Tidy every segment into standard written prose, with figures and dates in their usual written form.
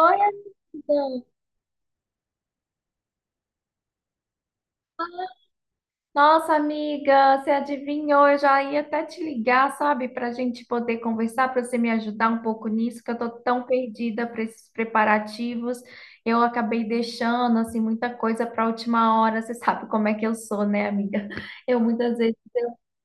Oi, amiga. Nossa, amiga, você adivinhou? Eu já ia até te ligar, sabe, para a gente poder conversar, para você me ajudar um pouco nisso, que eu tô tão perdida para esses preparativos. Eu acabei deixando assim muita coisa para a última hora. Você sabe como é que eu sou, né, amiga? Eu muitas vezes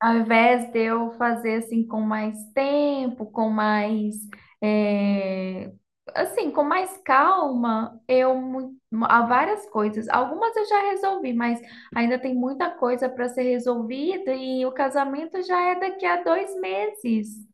Ao invés de eu fazer assim com mais tempo, com mais, é, assim, com mais calma. Há várias coisas. Algumas eu já resolvi, mas ainda tem muita coisa para ser resolvida e o casamento já é daqui a 2 meses.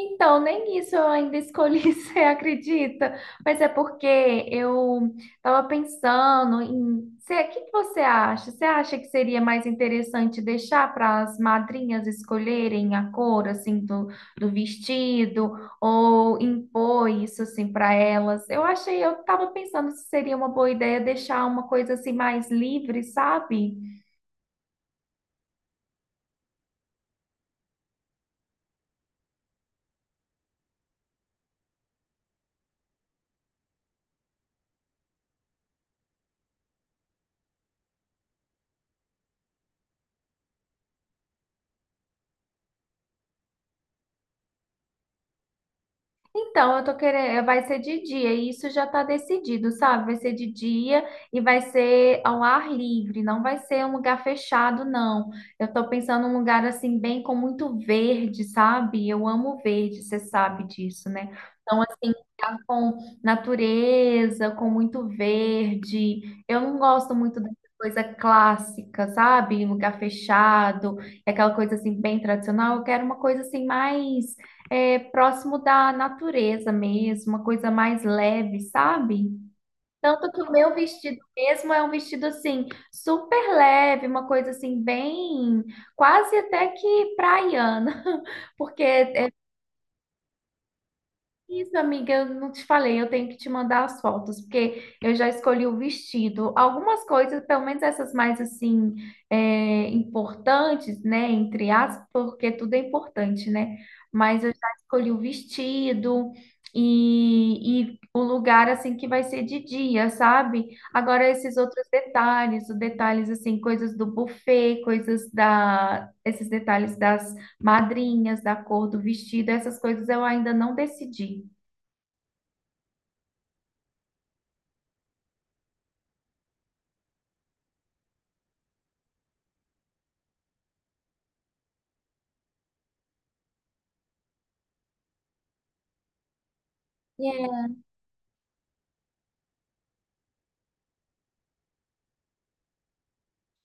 Então, nem isso eu ainda escolhi, você acredita? Mas é porque eu estava pensando em. O que que você acha? Você acha que seria mais interessante deixar para as madrinhas escolherem a cor assim do vestido ou impor isso assim para elas? Eu estava pensando se seria uma boa ideia deixar uma coisa assim mais livre, sabe? Então, eu tô querendo, vai ser de dia, e isso já tá decidido, sabe? Vai ser de dia e vai ser ao ar livre, não vai ser um lugar fechado, não. Eu tô pensando num lugar assim, bem com muito verde, sabe? Eu amo verde, você sabe disso, né? Então, assim, lugar com natureza, com muito verde. Eu não gosto muito dessa coisa clássica, sabe? Lugar fechado, é aquela coisa assim, bem tradicional. Eu quero uma coisa assim, mais próximo da natureza mesmo, uma coisa mais leve, sabe? Tanto que o meu vestido mesmo é um vestido assim, super leve, uma coisa assim, bem, quase até que praiana, porque é isso, amiga, eu não te falei, eu tenho que te mandar as fotos, porque eu já escolhi o vestido. Algumas coisas, pelo menos essas mais assim, importantes, né? Entre aspas, porque tudo é importante, né? Mas eu já escolhi o vestido e o lugar assim que vai ser de dia, sabe? Agora esses outros detalhes, os detalhes assim, coisas do buffet, coisas esses detalhes das madrinhas, da cor do vestido, essas coisas eu ainda não decidi.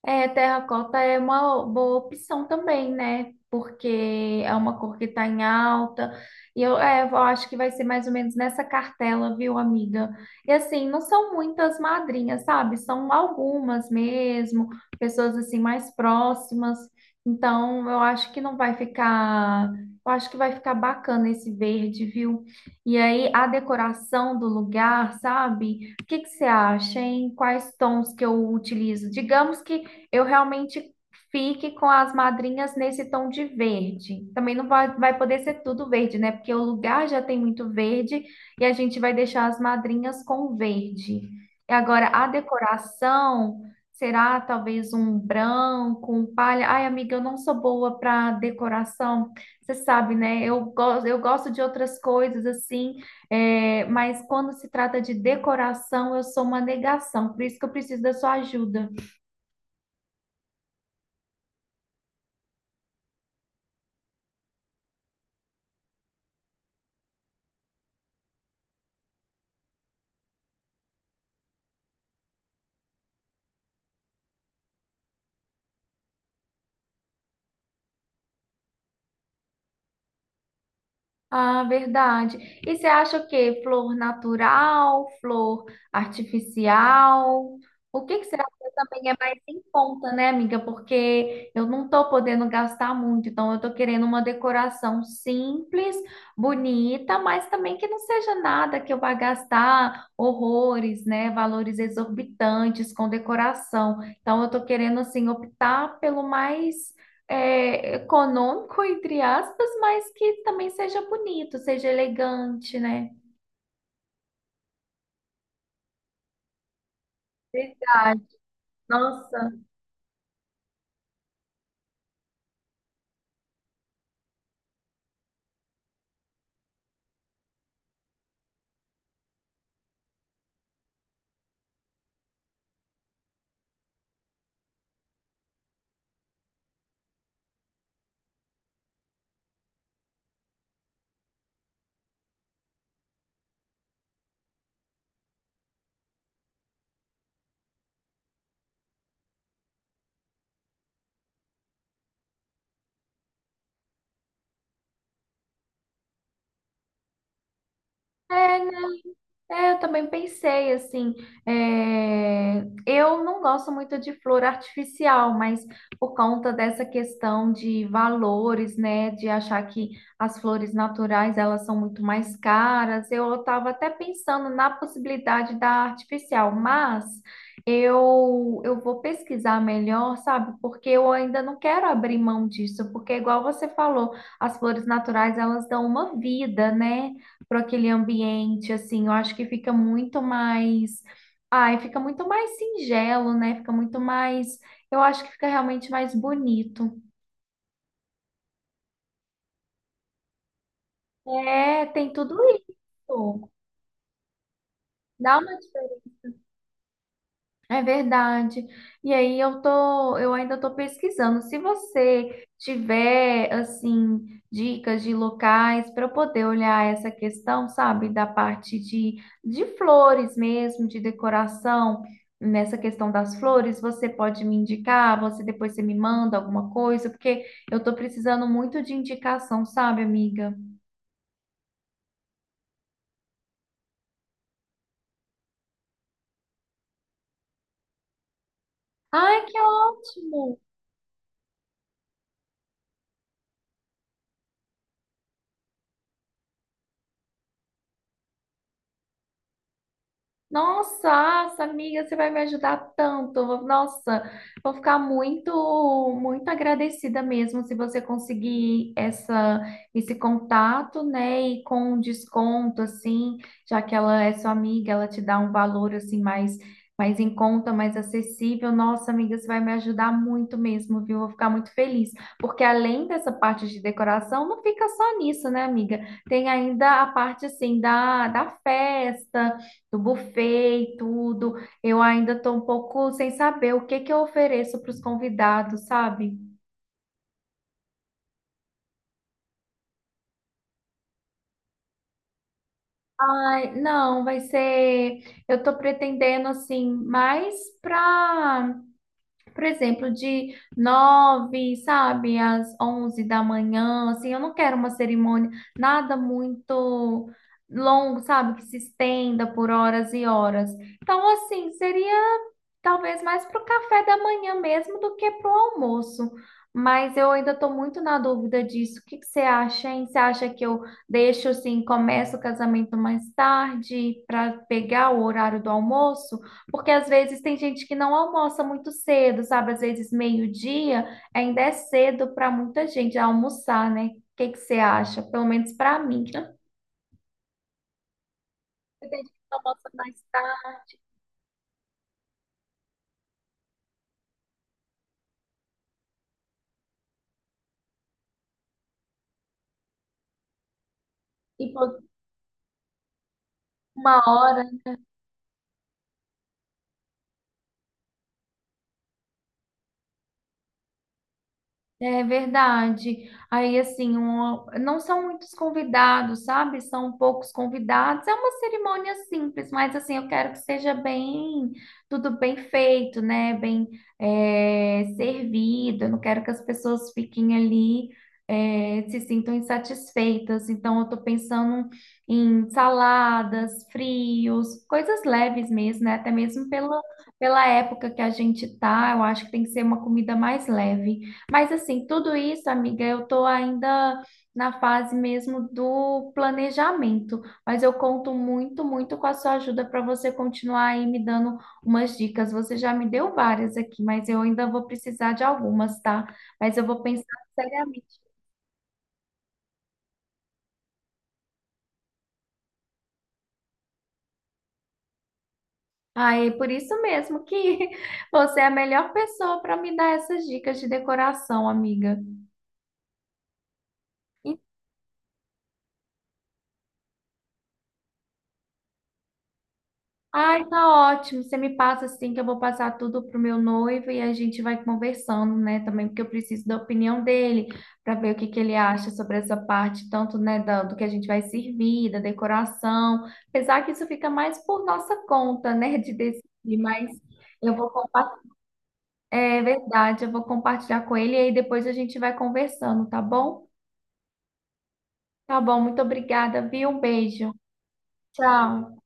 É, terracota é uma boa opção também, né? Porque é uma cor que tá em alta. E eu acho que vai ser mais ou menos nessa cartela, viu, amiga? E assim, não são muitas madrinhas, sabe? São algumas mesmo, pessoas assim mais próximas. Então, eu acho que não vai ficar. Eu acho que vai ficar bacana esse verde, viu? E aí, a decoração do lugar, sabe? O que que você acha, hein? Quais tons que eu utilizo? Digamos que eu realmente fique com as madrinhas nesse tom de verde. Também não vai poder ser tudo verde, né? Porque o lugar já tem muito verde e a gente vai deixar as madrinhas com verde. E agora a decoração será talvez um branco, um palha. Ai, amiga, eu não sou boa para decoração. Você sabe, né? Eu gosto de outras coisas assim, mas quando se trata de decoração, eu sou uma negação. Por isso que eu preciso da sua ajuda. Ah, verdade. E você acha o quê? Flor natural, flor artificial? O que que você acha também é mais em conta, né, amiga? Porque eu não tô podendo gastar muito, então eu tô querendo uma decoração simples, bonita, mas também que não seja nada que eu vá gastar horrores, né, valores exorbitantes com decoração. Então eu tô querendo assim optar pelo mais econômico, entre aspas, mas que também seja bonito, seja elegante, né? Verdade. Nossa. É, né? É, eu também pensei assim, eu não gosto muito de flor artificial, mas por conta dessa questão de valores, né, de achar que as flores naturais elas são muito mais caras, eu estava até pensando na possibilidade da artificial, mas eu vou pesquisar melhor, sabe? Porque eu ainda não quero abrir mão disso, porque igual você falou, as flores naturais elas dão uma vida, né? Para aquele ambiente, assim, eu acho que fica muito mais, ai, fica muito mais singelo, né? Fica muito mais, eu acho que fica realmente mais bonito. É, tem tudo isso. Dá uma É verdade. E aí eu ainda tô pesquisando. Se você tiver assim dicas de locais para eu poder olhar essa questão, sabe, da parte de flores mesmo, de decoração, nessa questão das flores, você pode me indicar, você me manda alguma coisa, porque eu tô precisando muito de indicação, sabe, amiga? Ai, que ótimo! Nossa, nossa, amiga, você vai me ajudar tanto. Nossa, vou ficar muito, muito agradecida mesmo se você conseguir esse contato, né? E com um desconto, assim, já que ela é sua amiga, ela te dá um valor, assim, mais, em conta, mais acessível. Nossa, amiga, você vai me ajudar muito mesmo, viu? Vou ficar muito feliz. Porque além dessa parte de decoração, não fica só nisso, né, amiga? Tem ainda a parte, assim, da festa do buffet e tudo. Eu ainda estou um pouco sem saber o que que eu ofereço para os convidados, sabe? Ai, não, vai ser. Eu estou pretendendo assim, mais para, por exemplo, de 9, sabe, às 11 da manhã. Assim, eu não quero uma cerimônia, nada muito longo, sabe, que se estenda por horas e horas. Então, assim, seria talvez mais para o café da manhã mesmo do que para o almoço. Mas eu ainda estou muito na dúvida disso. O que que você acha, hein? Você acha que eu deixo assim, começo o casamento mais tarde para pegar o horário do almoço? Porque às vezes tem gente que não almoça muito cedo, sabe? Às vezes meio-dia ainda é cedo para muita gente almoçar, né? O que que você acha? Pelo menos para mim. Tem gente que almoça mais tarde, tipo 1 hora. É verdade. Aí, assim, não são muitos convidados, sabe? São poucos convidados. É uma cerimônia simples, mas, assim, eu quero que seja bem, tudo bem feito, né? Bem, servido. Eu não quero que as pessoas fiquem ali, se sintam insatisfeitas. Então, eu tô pensando em saladas, frios, coisas leves mesmo, né? Até mesmo pela época que a gente tá, eu acho que tem que ser uma comida mais leve. Mas assim, tudo isso, amiga, eu tô ainda na fase mesmo do planejamento, mas eu conto muito, muito com a sua ajuda para você continuar aí me dando umas dicas. Você já me deu várias aqui, mas eu ainda vou precisar de algumas, tá? Mas eu vou pensar seriamente. Ah, é por isso mesmo que você é a melhor pessoa para me dar essas dicas de decoração, amiga. Ai, tá ótimo. Você me passa assim que eu vou passar tudo pro meu noivo e a gente vai conversando, né? Também porque eu preciso da opinião dele para ver o que que ele acha sobre essa parte, tanto, né, do que a gente vai servir, da decoração. Apesar que isso fica mais por nossa conta, né, de decidir, mas eu vou compartilhar. É verdade, eu vou compartilhar com ele e aí depois a gente vai conversando, tá bom? Tá bom, muito obrigada, viu? Um beijo. Tchau.